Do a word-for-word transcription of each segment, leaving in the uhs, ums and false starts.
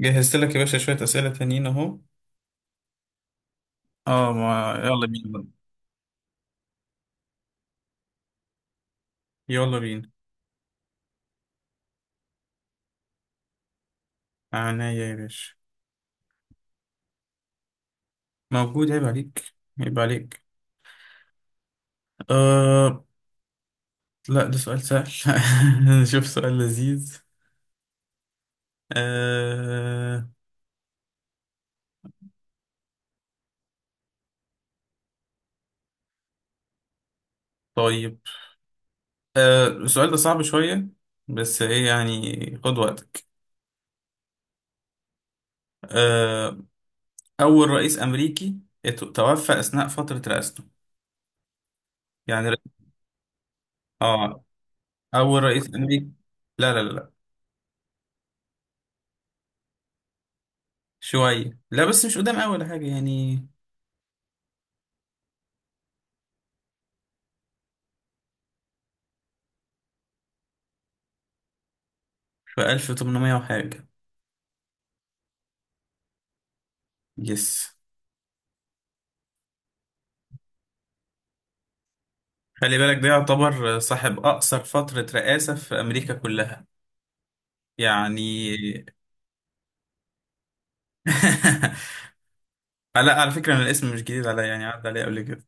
جهزت لك يا باشا شوية أسئلة تانيين أهو. اه، ما يلا بينا بقى. يلا بينا. عناية يا باشا. موجود، عيب عليك. عيب عليك. آه. لا، ده سؤال سهل. نشوف سؤال لذيذ. آه. طيب. آه السؤال ده صعب شوية، بس إيه يعني، خد وقتك. آه أول رئيس أمريكي ات- توفى أثناء فترة رئاسته، يعني ر- آه أول رئيس أمريكي. لا لا لا لا، شوية. لا، بس مش قدام، أول حاجة يعني. في ألف وتمنمية وحاجة. يس. خلي بالك ده يعتبر صاحب أقصر فترة رئاسة في أمريكا كلها يعني. لا، على فكرة أنا الاسم مش جديد عليا، يعني عدى عليا قبل كده،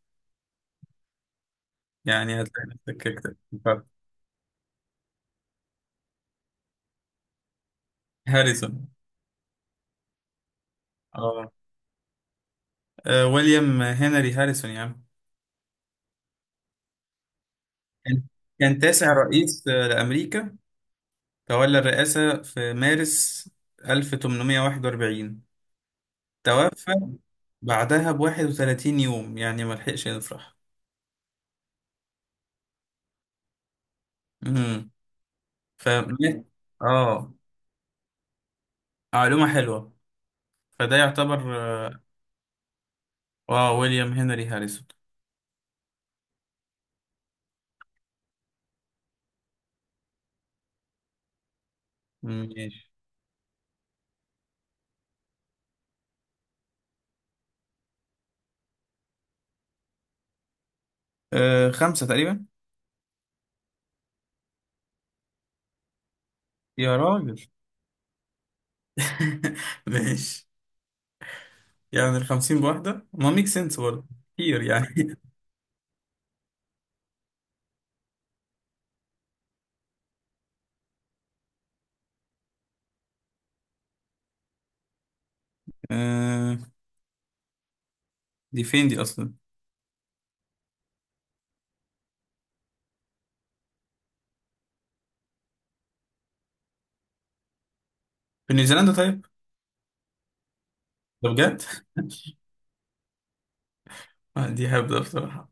يعني هتلاقي نفسك كده. هاريسون. اه. آه، ويليام هنري هاريسون يا عم. كان كان تاسع رئيس آه، لأمريكا. تولى الرئاسة في مارس ألف وتمنمية وواحد وأربعين. توفى بعدها ب واحد وثلاثين يوم، يعني ما لحقش يفرح. ف اه معلومة حلوة. فده يعتبر، اه آه، ويليام هنري هاريسون. ماشي. آه خمسة تقريبا. يا راجل. ماشي. يعني الخمسين بواحدة ما ميك سنس برضه. كتير يعني. آه دي فين دي أصلا. في نيوزيلندا طيب. ده بجد. آه، دي هبدة بصراحة.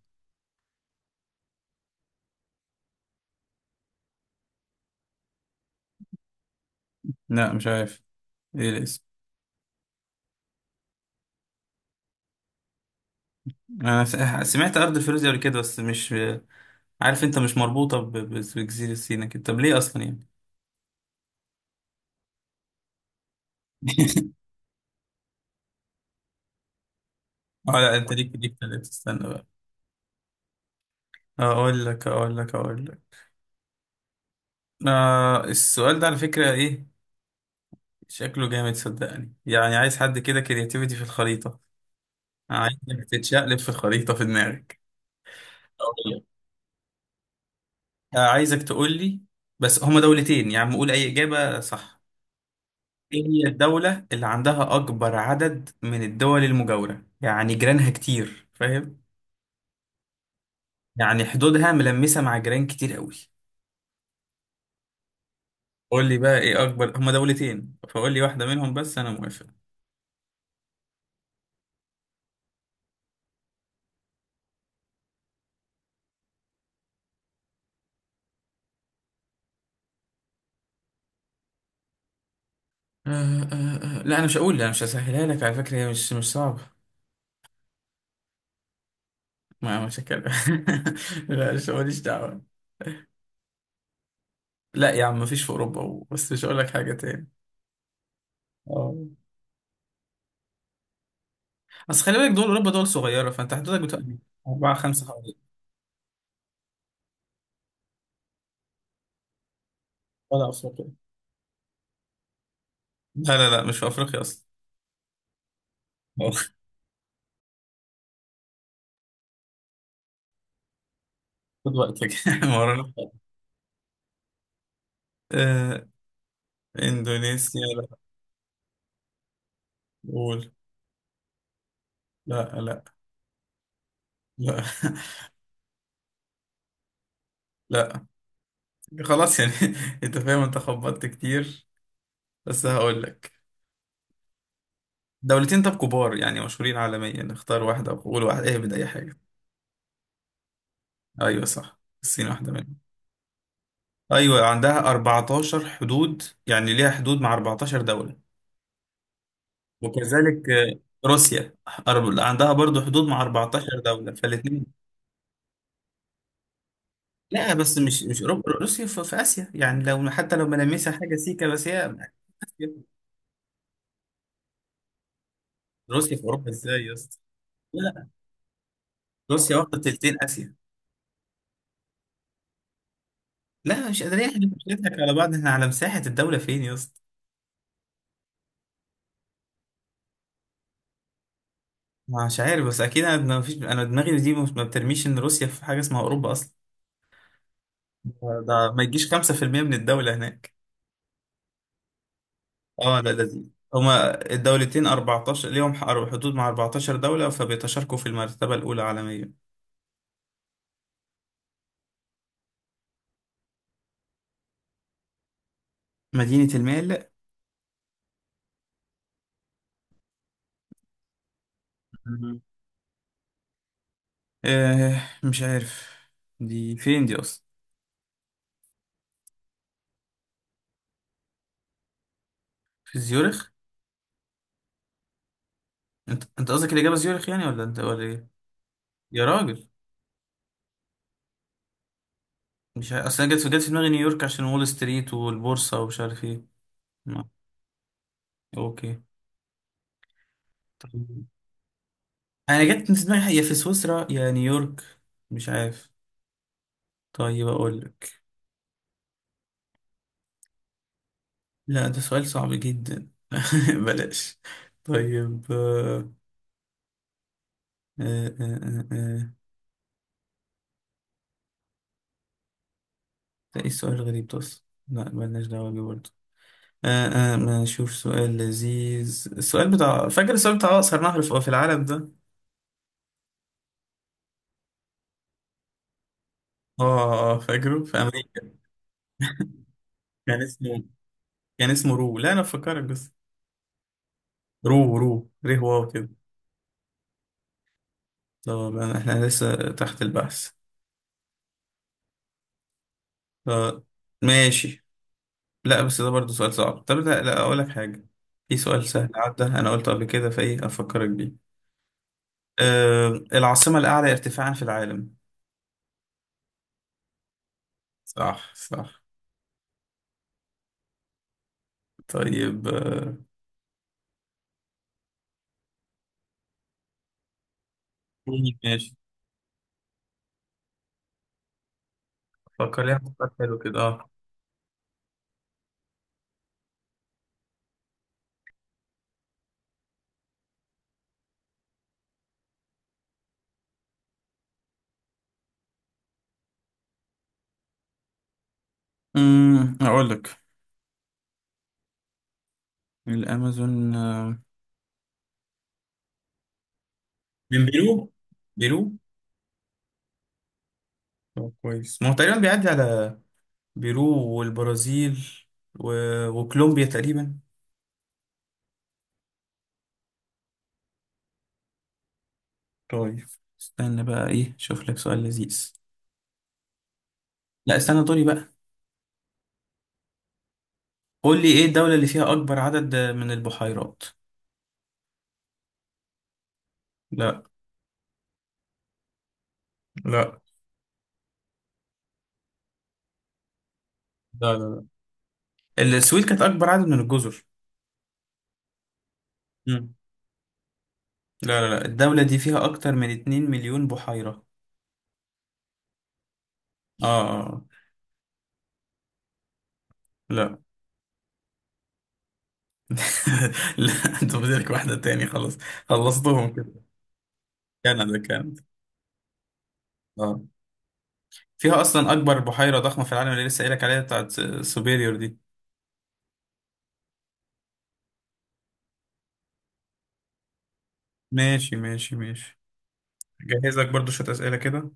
لا مش عارف، ايه الاسم. انا س- سمعت ارض الفيروز قبل كده، بس مش عارف، انت مش مربوطه ب- ب- بجزيره سيناء كده، طب ليه اصلا يعني. اه لا، انت ليك ليك تلاتة، استنى بقى. اقول لك اقول لك اقول لك آه، السؤال ده على فكرة ايه، شكله جامد صدقني، يعني عايز حد كده كرياتيفيتي في الخريطة. عايزك تتشقلب في الخريطة في دماغك. أقول لك. آه، عايزك تقول لي، بس هما دولتين يا عم، قول اي إجابة صح. ايه هي الدولة اللي عندها اكبر عدد من الدول المجاورة، يعني جيرانها كتير، فاهم؟ يعني حدودها ملمسة مع جيران كتير قوي. قول لي بقى ايه اكبر، هما دولتين فقول لي واحدة منهم بس انا موافق. آه آه آه. آه. لا، انا مش هقول، انا مش هسهلها لك على فكره، هي مش مش صعبه. ما مش هتكلم. لا، مش ماليش دعوه. لا يا عم، مفيش في اوروبا و- بس مش هقول لك حاجه تاني. اه. بس خلي بالك دول اوروبا دول صغيره، فانت حدودك بتبقى اربعه خمسه حوالي. ولا افريقيا. لا لا لا، مش في افريقيا اصلا. خد وقتك. ما ورانا حاجة. آه اندونيسيا لا. قول. لا لا لا. لا. خلاص يعني. انت فاهم، انت خبطت كتير، بس هقول لك. دولتين طب، كبار يعني، مشهورين عالميا، اختار واحدة وقول، واحد اهبد أي حاجة. أيوة صح، الصين واحدة منهم. أيوة عندها أربعة عشر حدود، يعني ليها حدود مع أربعتاشر دولة. وكذلك آه، روسيا، أرب- عندها برضو حدود مع أربعة عشر دولة، فالاتنين. لا بس مش مش أوروبا، روسيا في, في آسيا، يعني لو حتى لو ملامسها حاجة سيكا بس هي. آسيا. روسيا في أوروبا إزاي يا اسطى؟ لا. روسيا واخدة تلتين آسيا. لا، مش قادرين احنا، مش نضحك على بعض، احنا على مساحة الدولة، فين يا. مش عارف، بس اكيد انا ما فيش، انا دماغي دي مش- ما بترميش ان روسيا في حاجه اسمها اوروبا اصلا. ده ما يجيش خمسة في المية من الدوله هناك. اه لا، لذيذ. هما الدولتين أربعتاشر ليهم حق- حدود مع أربعة عشر دوله، فبيتشاركوا في المرتبه الاولى عالميا. مدينه المال. مم. آه مش عارف، دي فين دي اصلا. في زيورخ. انت انت قصدك الاجابه زيورخ يعني، ولا انت ولا ايه؟ يا راجل. مش عارف. اصل انا جت في جت في دماغي نيويورك، عشان وول ستريت والبورصه ومش عارف ايه. ما. اوكي. طيب. انا جت في دماغي يا في سويسرا يا نيويورك، مش عارف. طيب اقول لك، لا ده سؤال صعب جدا. بلاش. طيب. آه، آه، آه، آه. آه. ده ايه السؤال الغريب ده اصلا، لا بلاش دعوه بيه برضه. آه، آه، ما نشوف سؤال لذيذ، السؤال بتاع، فاكر السؤال بتاع اقصر نهر في في العالم ده. اه، آه، آه، فاكره في امريكا. كان اسمه كان اسمه رو، لا انا بفكرك بس. رو رو. ريه واو كده. طب أنا- احنا لسه تحت البحث. آه، ماشي. لا بس ده برضه سؤال صعب، طب لا لا، اقول لك حاجه، في سؤال سهل عدى انا قلته قبل كده، فايه افكرك بيه. أه العاصمه الاعلى ارتفاعا في العالم. صح صح. طيب. آه، ماشي. فكر لي في سؤال حلو كده. اه امم اقول لك. الامازون، آه، من بيرو. بيرو. طب كويس، ما هو تقريبا بيعدي على بيرو، والبرازيل و... وكولومبيا تقريبا. طيب استنى بقى، ايه، شوف لك سؤال لذيذ. لا استنى، دوري بقى. قول لي، ايه الدولة اللي فيها اكبر عدد من البحيرات؟ لا. لا. لا لا. لا، السويد كانت اكبر عدد من الجزر. مم. لا لا لا، الدولة دي فيها اكتر من اتنين مليون بحيرة. اه. آه. آه. لا. لا، انت بدك واحدة تاني، خلاص خلصتهم كده. كندا كانت. اه فيها اصلا اكبر بحيرة ضخمة في العالم، اللي لسه قايلك عليها، بتاعت سوبيريور دي. ماشي ماشي ماشي. جهزك برضو شوية اسئلة كده.